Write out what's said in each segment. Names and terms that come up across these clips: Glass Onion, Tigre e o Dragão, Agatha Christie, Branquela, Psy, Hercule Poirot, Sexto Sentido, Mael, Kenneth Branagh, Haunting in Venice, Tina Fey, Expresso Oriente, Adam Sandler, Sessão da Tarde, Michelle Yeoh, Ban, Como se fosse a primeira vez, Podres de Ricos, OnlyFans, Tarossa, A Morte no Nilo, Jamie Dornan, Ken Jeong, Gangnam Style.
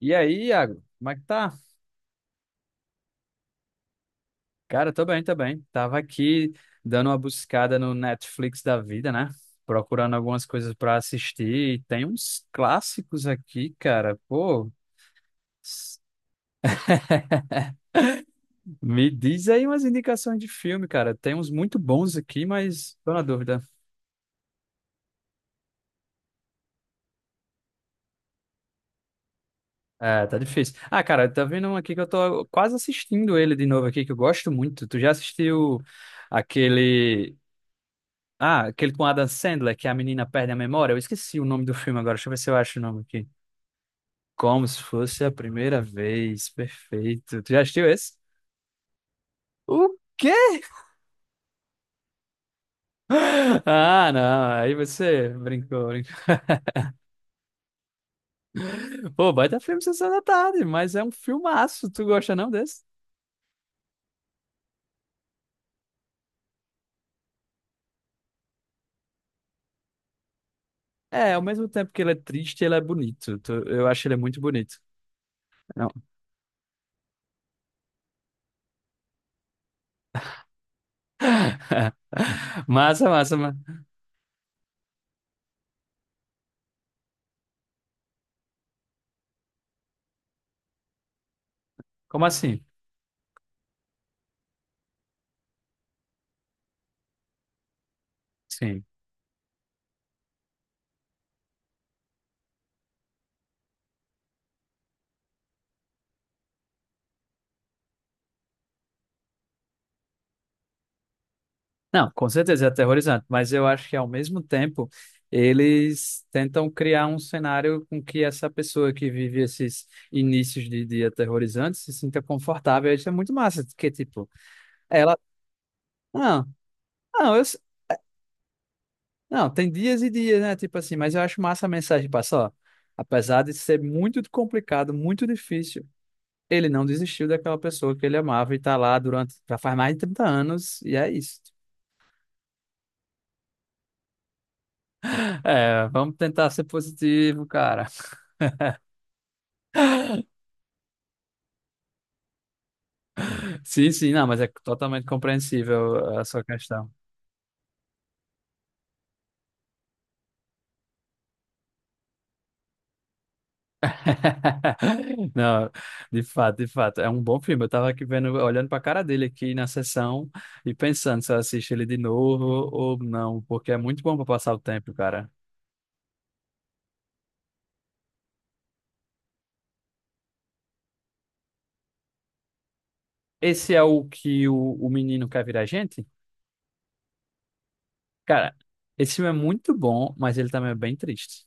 E aí, Iago, como é que tá? Cara, tô bem, tô bem. Tava aqui dando uma buscada no Netflix da vida, né? Procurando algumas coisas pra assistir. E tem uns clássicos aqui, cara. Pô, s- me diz aí umas indicações de filme, cara. Tem uns muito bons aqui, mas tô na dúvida. É, tá difícil. Ah, cara, tá vendo um aqui que eu tô quase assistindo ele de novo aqui, que eu gosto muito. Tu já assistiu aquele. Ah, aquele com Adam Sandler, que a menina perde a memória. Eu esqueci o nome do filme agora. Deixa eu ver se eu acho o nome aqui. Como se fosse a primeira vez. Perfeito. Tu já assistiu esse? O quê? Ah, não. Aí você brincou, brincou. Pô, baita filme Sessão da Tarde, mas é um filmaço. Tu gosta não desse? É, ao mesmo tempo que ele é triste, ele é bonito. Eu acho ele muito bonito. Não. Massa, massa, massa. Como assim? Sim. Não, com certeza é aterrorizante, mas eu acho que ao mesmo tempo eles tentam criar um cenário com que essa pessoa que vive esses inícios de dia aterrorizantes se sinta confortável. Isso é muito massa, porque tipo, ela, não, não, eu, s- não, tem dias e dias, né? Tipo assim, mas eu acho massa a mensagem passar, ó, apesar de ser muito complicado, muito difícil, ele não desistiu daquela pessoa que ele amava e tá lá durante, já faz mais de 30 anos e é isso. É, vamos tentar ser positivo, cara. Sim, sim, não, mas é totalmente compreensível a sua questão. Não, de fato, é um bom filme. Eu tava aqui vendo, olhando pra cara dele aqui na sessão e pensando se eu assisto ele de novo ou não, porque é muito bom pra passar o tempo, cara. Esse é o que o menino quer virar gente? Cara, esse filme é muito bom, mas ele também é bem triste.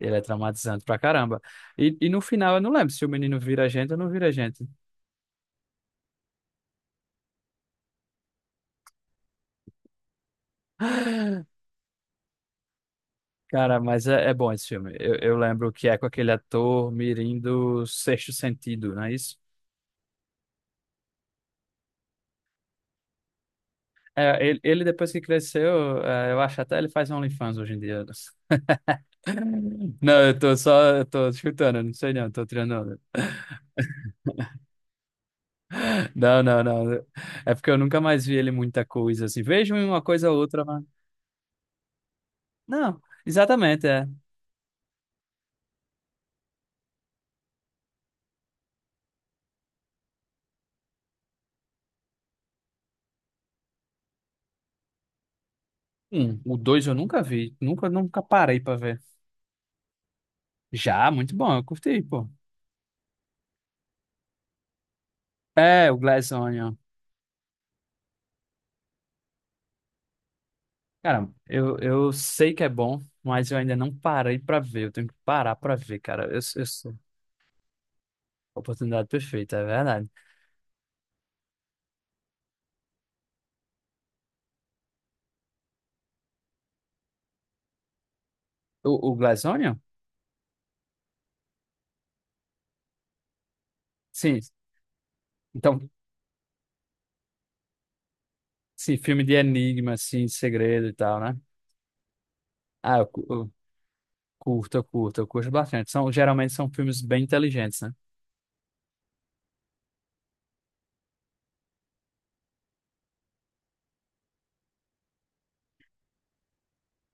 Ele é traumatizante pra caramba. E no final, eu não lembro se o menino vira gente ou não vira gente. Cara, mas é bom esse filme. Eu lembro que é com aquele ator mirim do Sexto Sentido, não é isso? É, ele, depois que cresceu, é, eu acho até ele faz OnlyFans hoje em dia. Não, eu tô escutando, não sei não, tô tirando onda. Não, não, não. É porque eu nunca mais vi ele em muita coisa assim. Vejo em uma coisa ou outra, mas. Não, exatamente, é. Um, o dois eu nunca vi, nunca, nunca parei pra ver. Já, muito bom, eu curti, pô. É, o Glass Onion. Cara, eu sei que é bom, mas eu ainda não parei pra ver. Eu tenho que parar pra ver, cara. Eu sou oportunidade perfeita, é verdade. O Glass Onion? Sim. Então, sim, filme de enigma, assim, de segredo e tal, né? Ah, eu curto, eu curto, eu curto bastante. Geralmente são filmes bem inteligentes, né?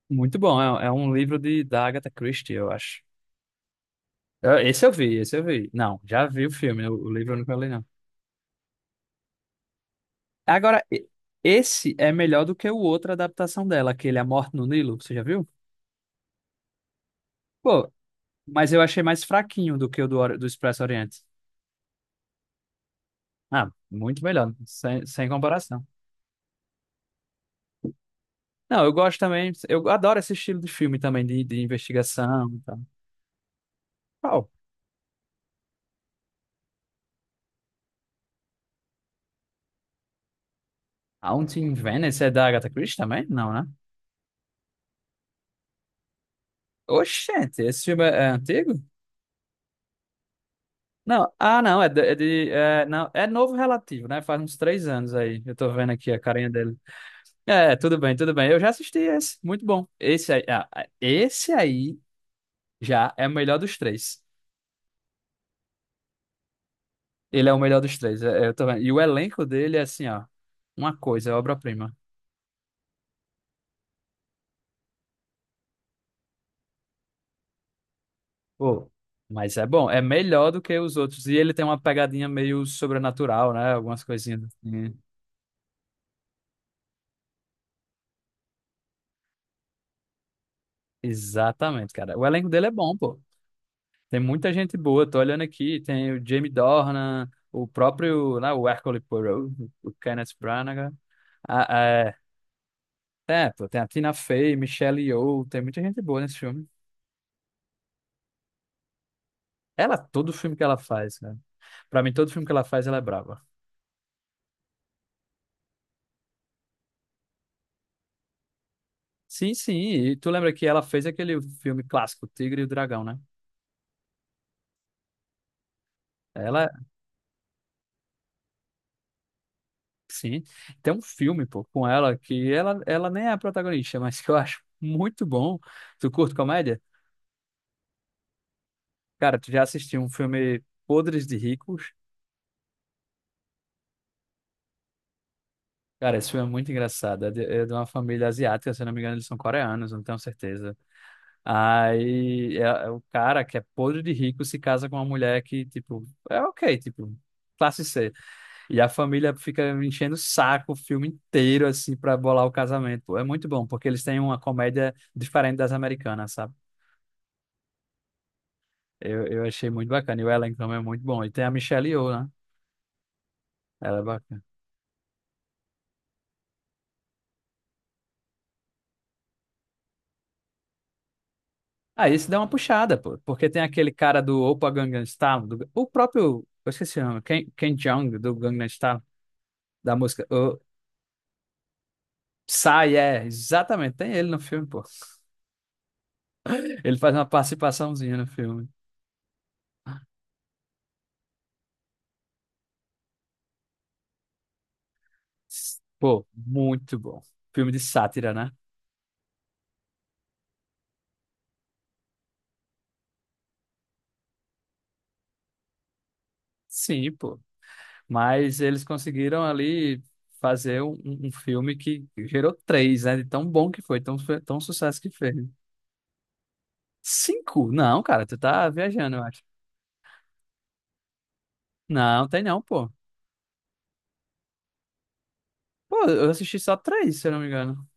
Muito bom. É um livro da Agatha Christie, eu acho. Esse eu vi, esse eu vi. Não, já vi o filme, o livro eu nunca li, não. Agora, esse é melhor do que o outra adaptação dela, aquele A Morte no Nilo, você já viu? Pô, mas eu achei mais fraquinho do que do Expresso Oriente. Ah, muito melhor, sem comparação. Não, eu gosto também, eu adoro esse estilo de filme também, de investigação e tal. Qual? Haunting in Venice é da Agatha Christie também? Não, né? Oxente, esse filme é antigo? Não, ah, não, é, não, é novo relativo, né? Faz uns 3 anos aí, eu tô vendo aqui a carinha dele. É, tudo bem, eu já assisti esse, muito bom. Esse aí já é o melhor dos três. Ele é o melhor dos três, é, eu tô vendo. E o elenco dele é assim, ó, uma coisa, é obra-prima. Pô, mas é bom, é melhor do que os outros. E ele tem uma pegadinha meio sobrenatural, né? Algumas coisinhas, sim. Exatamente, cara. O elenco dele é bom, pô. Tem muita gente boa, tô olhando aqui, tem o Jamie Dornan, o próprio, né, o Hercule Poirot, o Kenneth Branagh. Ah, é, pô, tem a Tina Fey, Michelle Yeoh, tem muita gente boa nesse filme. Ela, todo filme que ela faz, cara. Pra mim, todo filme que ela faz, ela é brava. Sim, sim. E tu lembra que ela fez aquele filme clássico, Tigre e o Dragão, né? Ela, sim, tem um filme, pô, com ela que ela nem é a protagonista, mas que eu acho muito bom. Tu curte comédia? Cara, tu já assistiu um filme Podres de Ricos? Cara, esse filme é muito engraçado. É de uma família asiática, se eu não me engano, eles são coreanos, não tenho certeza. Aí é o cara que é podre de rico se casa com uma mulher que, tipo, é ok, tipo, classe C. E a família fica enchendo o saco o filme inteiro, assim, pra bolar o casamento. Pô, é muito bom, porque eles têm uma comédia diferente das americanas, sabe? Eu achei muito bacana. E o elenco também é muito bom. E tem a Michelle Yeoh, né? Ela é bacana. Aí isso dá uma puxada, pô. Porque tem aquele cara do Opa Gangnam Style, o próprio, eu esqueci o nome, Ken Jeong, do Gangnam Style, da música. Psy, é, exatamente. Tem ele no filme, pô. Ele faz uma participaçãozinha no filme. Pô, muito bom. Filme de sátira, né? Sim, pô. Mas eles conseguiram ali fazer um filme que gerou três, né? De tão bom que foi, tão sucesso que fez. Cinco? Não, cara, tu tá viajando, eu acho. Não, tem não, pô. Pô, eu assisti só três, se eu não me engano.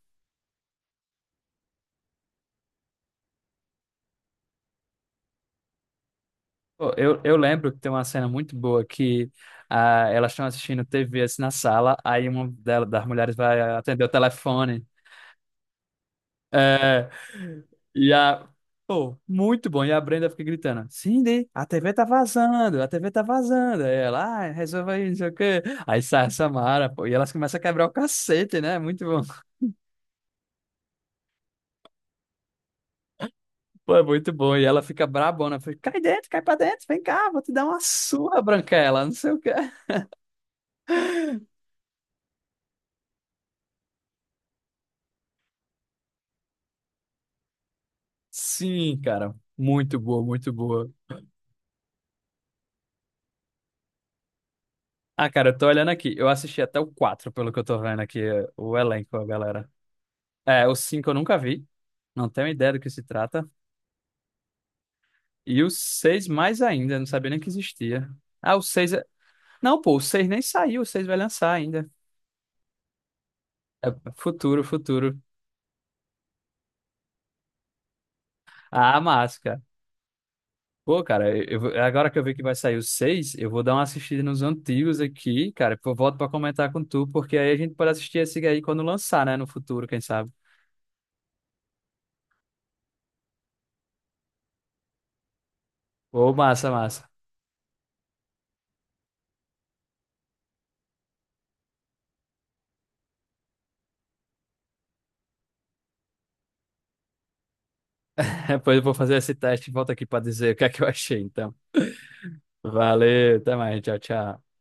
Pô, eu lembro que tem uma cena muito boa que elas estão assistindo TV assim na sala, aí das mulheres vai atender o telefone. É, e a. Pô, muito bom. E a Brenda fica gritando: Cindy, a TV tá vazando, a TV tá vazando. Aí ela, resolve aí, não sei o quê. Aí sai a Samara, pô, e elas começam a quebrar o cacete, né? Muito bom. Pô, é muito bom. E ela fica brabona: fica, cai dentro, cai pra dentro, vem cá, vou te dar uma surra, Branquela, não sei o quê. Sim, cara, muito boa, muito boa. Ah, cara, eu tô olhando aqui. Eu assisti até o 4 pelo que eu tô vendo aqui, o elenco, a galera. É, o 5 eu nunca vi. Não tenho ideia do que se trata. E o 6 mais ainda, não sabia nem que existia. Ah, o 6 é... Não, pô, o 6 nem saiu, o 6 vai lançar ainda. É futuro, futuro. Ah, massa, cara. Pô, cara, eu agora que eu vi que vai sair o 6 eu vou dar uma assistida nos antigos aqui, cara. Pô, volto pra comentar com tu, porque aí a gente pode assistir esse aí quando lançar, né? No futuro, quem sabe. Ô, massa, massa. Depois eu vou fazer esse teste e volto aqui pra dizer o que é que eu achei, então. Valeu, até mais, tchau, tchau.